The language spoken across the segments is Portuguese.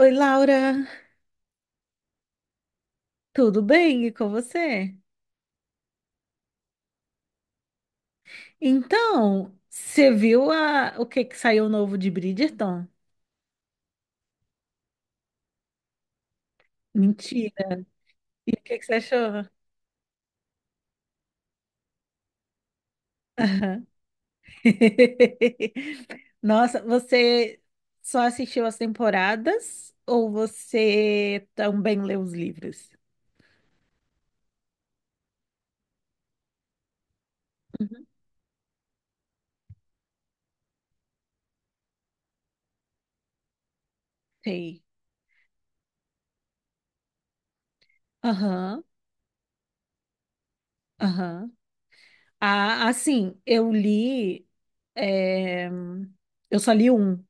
Oi, Laura, tudo bem? E com você? Então, você viu o que que saiu novo de Bridgerton? Mentira. E o que que você achou? Aham. Nossa, você só assistiu as temporadas ou você também leu os livros? Uhum. Sei. Aham, aham. Ah, assim, eu li. é, Eu só li um,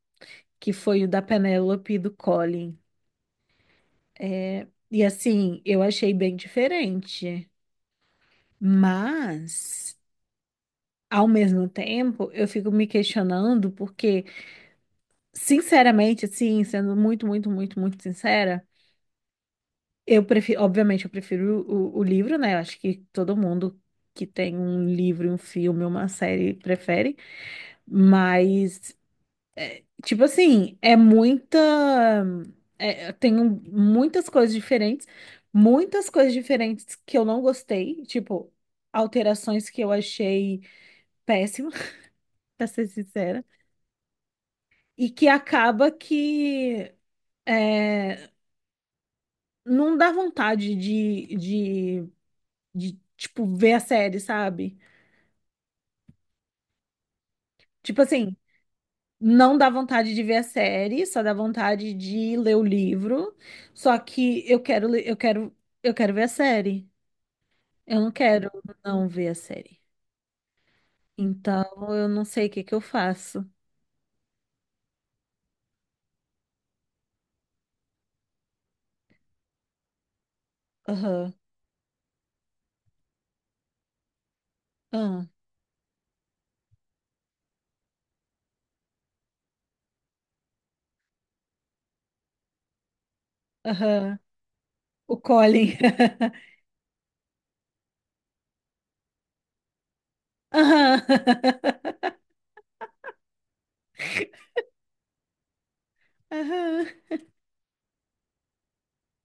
que foi o da Penélope e do Colin. É, e assim, eu achei bem diferente, mas ao mesmo tempo eu fico me questionando porque, sinceramente, assim, sendo muito, muito, muito, muito sincera, eu prefiro, obviamente, eu prefiro o livro, né? Eu acho que todo mundo que tem um livro, um filme, uma série prefere, mas tipo assim, é muita. Eu tenho muitas coisas diferentes que eu não gostei, tipo, alterações que eu achei péssima, pra ser sincera, e que acaba que é, não dá vontade de, tipo, ver a série, sabe? Tipo assim, não dá vontade de ver a série, só dá vontade de ler o livro, só que eu quero ver a série. Eu não quero não ver a série. Então, eu não sei o que que eu faço. Aham. Aham. Aham. O Colin. Aham. Aham.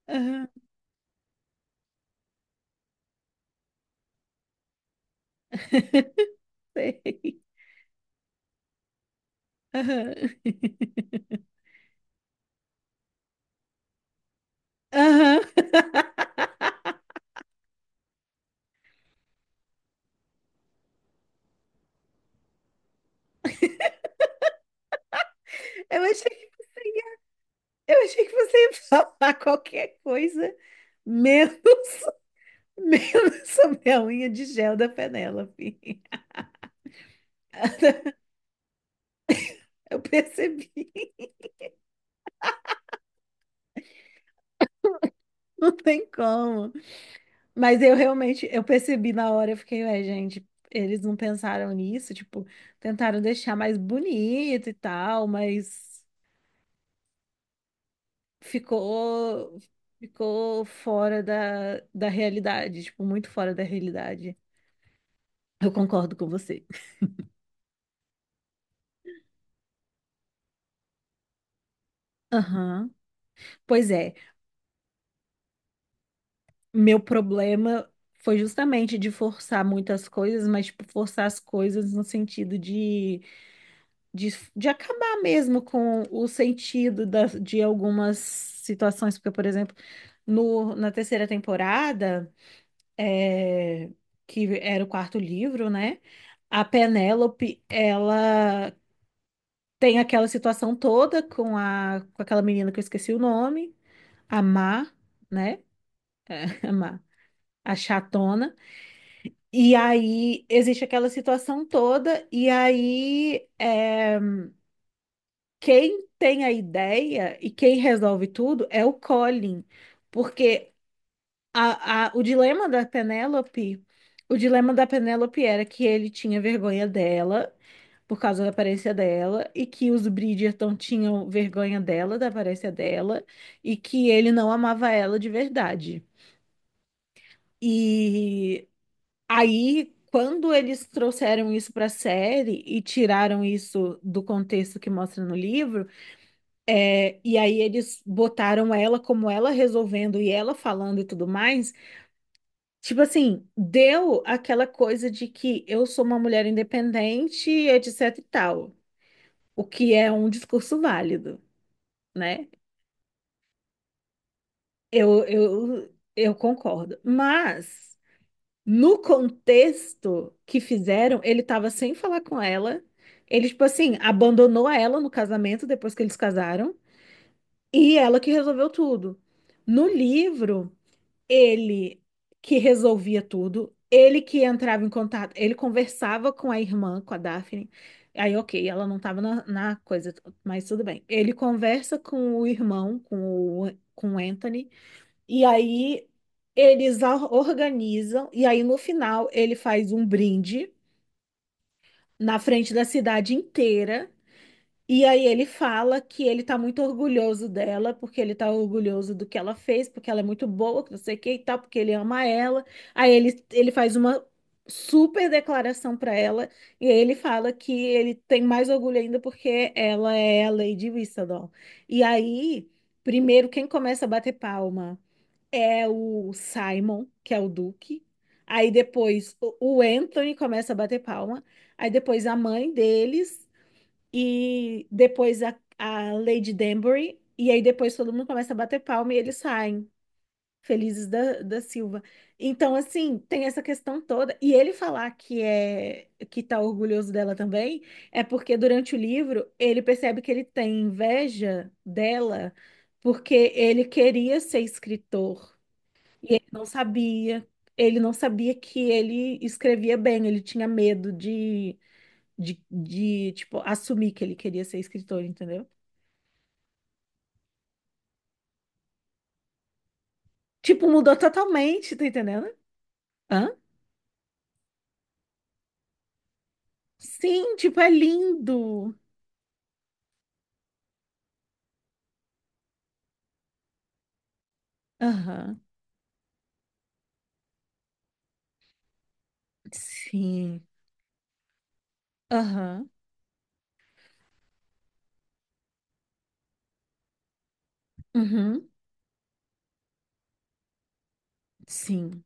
Aham. Sei. Aham. Aham. Eu achei, eu achei que você ia falar qualquer coisa menos, menos sobre a unha de gel da Penélope. Eu percebi. Não tem como. Mas eu realmente, eu percebi na hora, eu fiquei, ué, gente, eles não pensaram nisso, tipo, tentaram deixar mais bonito e tal, mas ficou, ficou fora da realidade, tipo, muito fora da realidade. Eu concordo com você. Aham. Pois é, meu problema foi justamente de forçar muitas coisas, mas, tipo, forçar as coisas no sentido de, de acabar mesmo com o sentido de algumas situações, porque, por exemplo, no, na terceira temporada, é, que era o quarto livro, né? A Penélope, ela tem aquela situação toda com a, com aquela menina que eu esqueci o nome, a Má, né? A Má, a chatona. E aí existe aquela situação toda, e aí quem tem a ideia e quem resolve tudo é o Colin, porque o dilema da Penélope, o dilema da Penélope era que ele tinha vergonha dela por causa da aparência dela e que os Bridgerton tinham vergonha dela, da aparência dela e que ele não amava ela de verdade. E aí, quando eles trouxeram isso para a série e tiraram isso do contexto que mostra no livro. E aí eles botaram ela como ela resolvendo e ela falando e tudo mais. Tipo assim, deu aquela coisa de que eu sou uma mulher independente, etc e tal. O que é um discurso válido, né? Eu concordo. Mas, no contexto que fizeram, ele tava sem falar com ela. Ele, tipo assim, abandonou ela no casamento depois que eles casaram. E ela que resolveu tudo. No livro, ele que resolvia tudo, ele que entrava em contato, ele conversava com a irmã, com a Daphne. Aí, ok, ela não estava na coisa, mas tudo bem. Ele conversa com o irmão, com o Anthony, e aí eles organizam, e aí no final ele faz um brinde na frente da cidade inteira. E aí ele fala que ele tá muito orgulhoso dela, porque ele tá orgulhoso do que ela fez, porque ela é muito boa, que não sei o que e tal, porque ele ama ela. Aí ele faz uma super declaração pra ela, e aí ele fala que ele tem mais orgulho ainda porque ela é a Lady Whistledown. E aí, primeiro, quem começa a bater palma é o Simon, que é o Duque. Aí depois o Anthony começa a bater palma. Aí depois a mãe deles e depois a Lady Danbury, e aí depois todo mundo começa a bater palma e eles saem, felizes da Silva. Então, assim, tem essa questão toda. E ele falar que é que tá orgulhoso dela também, é porque durante o livro ele percebe que ele tem inveja dela, porque ele queria ser escritor, ele não sabia. Ele não sabia que ele escrevia bem, ele tinha medo de, tipo, assumir que ele queria ser escritor, entendeu? Tipo, mudou totalmente, tá entendendo? Hã? Sim, tipo, é lindo. Aham. Sim. Aham. Uhum. Sim.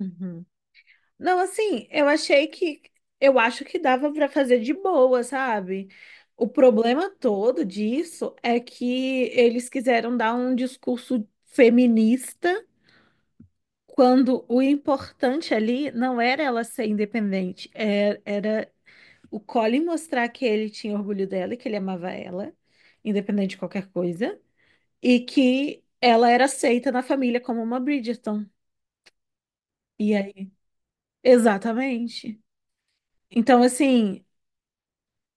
Uhum. Não, assim, eu achei que. Eu acho que dava pra fazer de boa, sabe? O problema todo disso é que eles quiseram dar um discurso feminista quando o importante ali não era ela ser independente, era, o Colin mostrar que ele tinha orgulho dela e que ele amava ela, independente de qualquer coisa, e que ela era aceita na família como uma Bridgerton. E aí? Exatamente. Então, assim,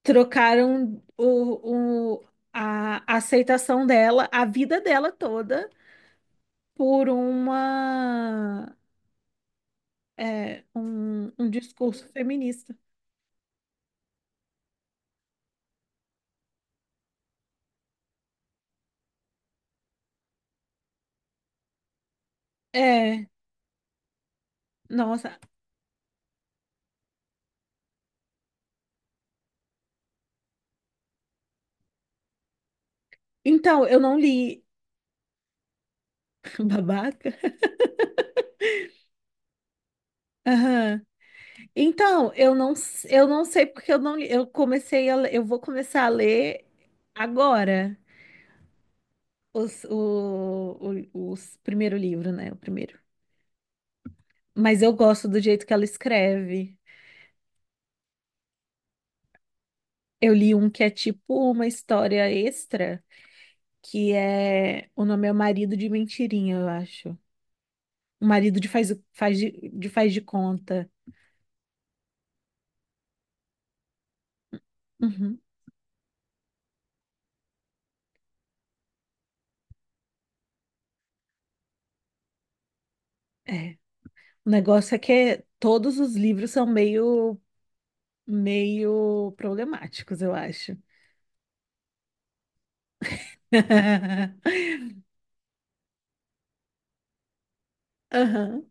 trocaram a aceitação dela, a vida dela toda, por um discurso feminista. É, nossa. Então, eu não li. Babaca. Aham. Então, eu não sei porque eu não, li- eu comecei a, le- eu vou começar a ler agora os, o, os primeiro livro, né? O primeiro. Mas eu gosto do jeito que ela escreve. Eu li um que é tipo uma história extra, que é o nome é O Marido de Mentirinha, eu acho. O marido de faz, faz de faz de conta. Uhum, é. O negócio é que todos os livros são meio problemáticos, eu acho. Aham.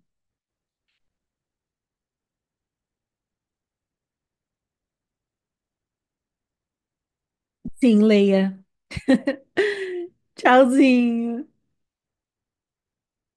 Sim, Leia. Tchauzinho.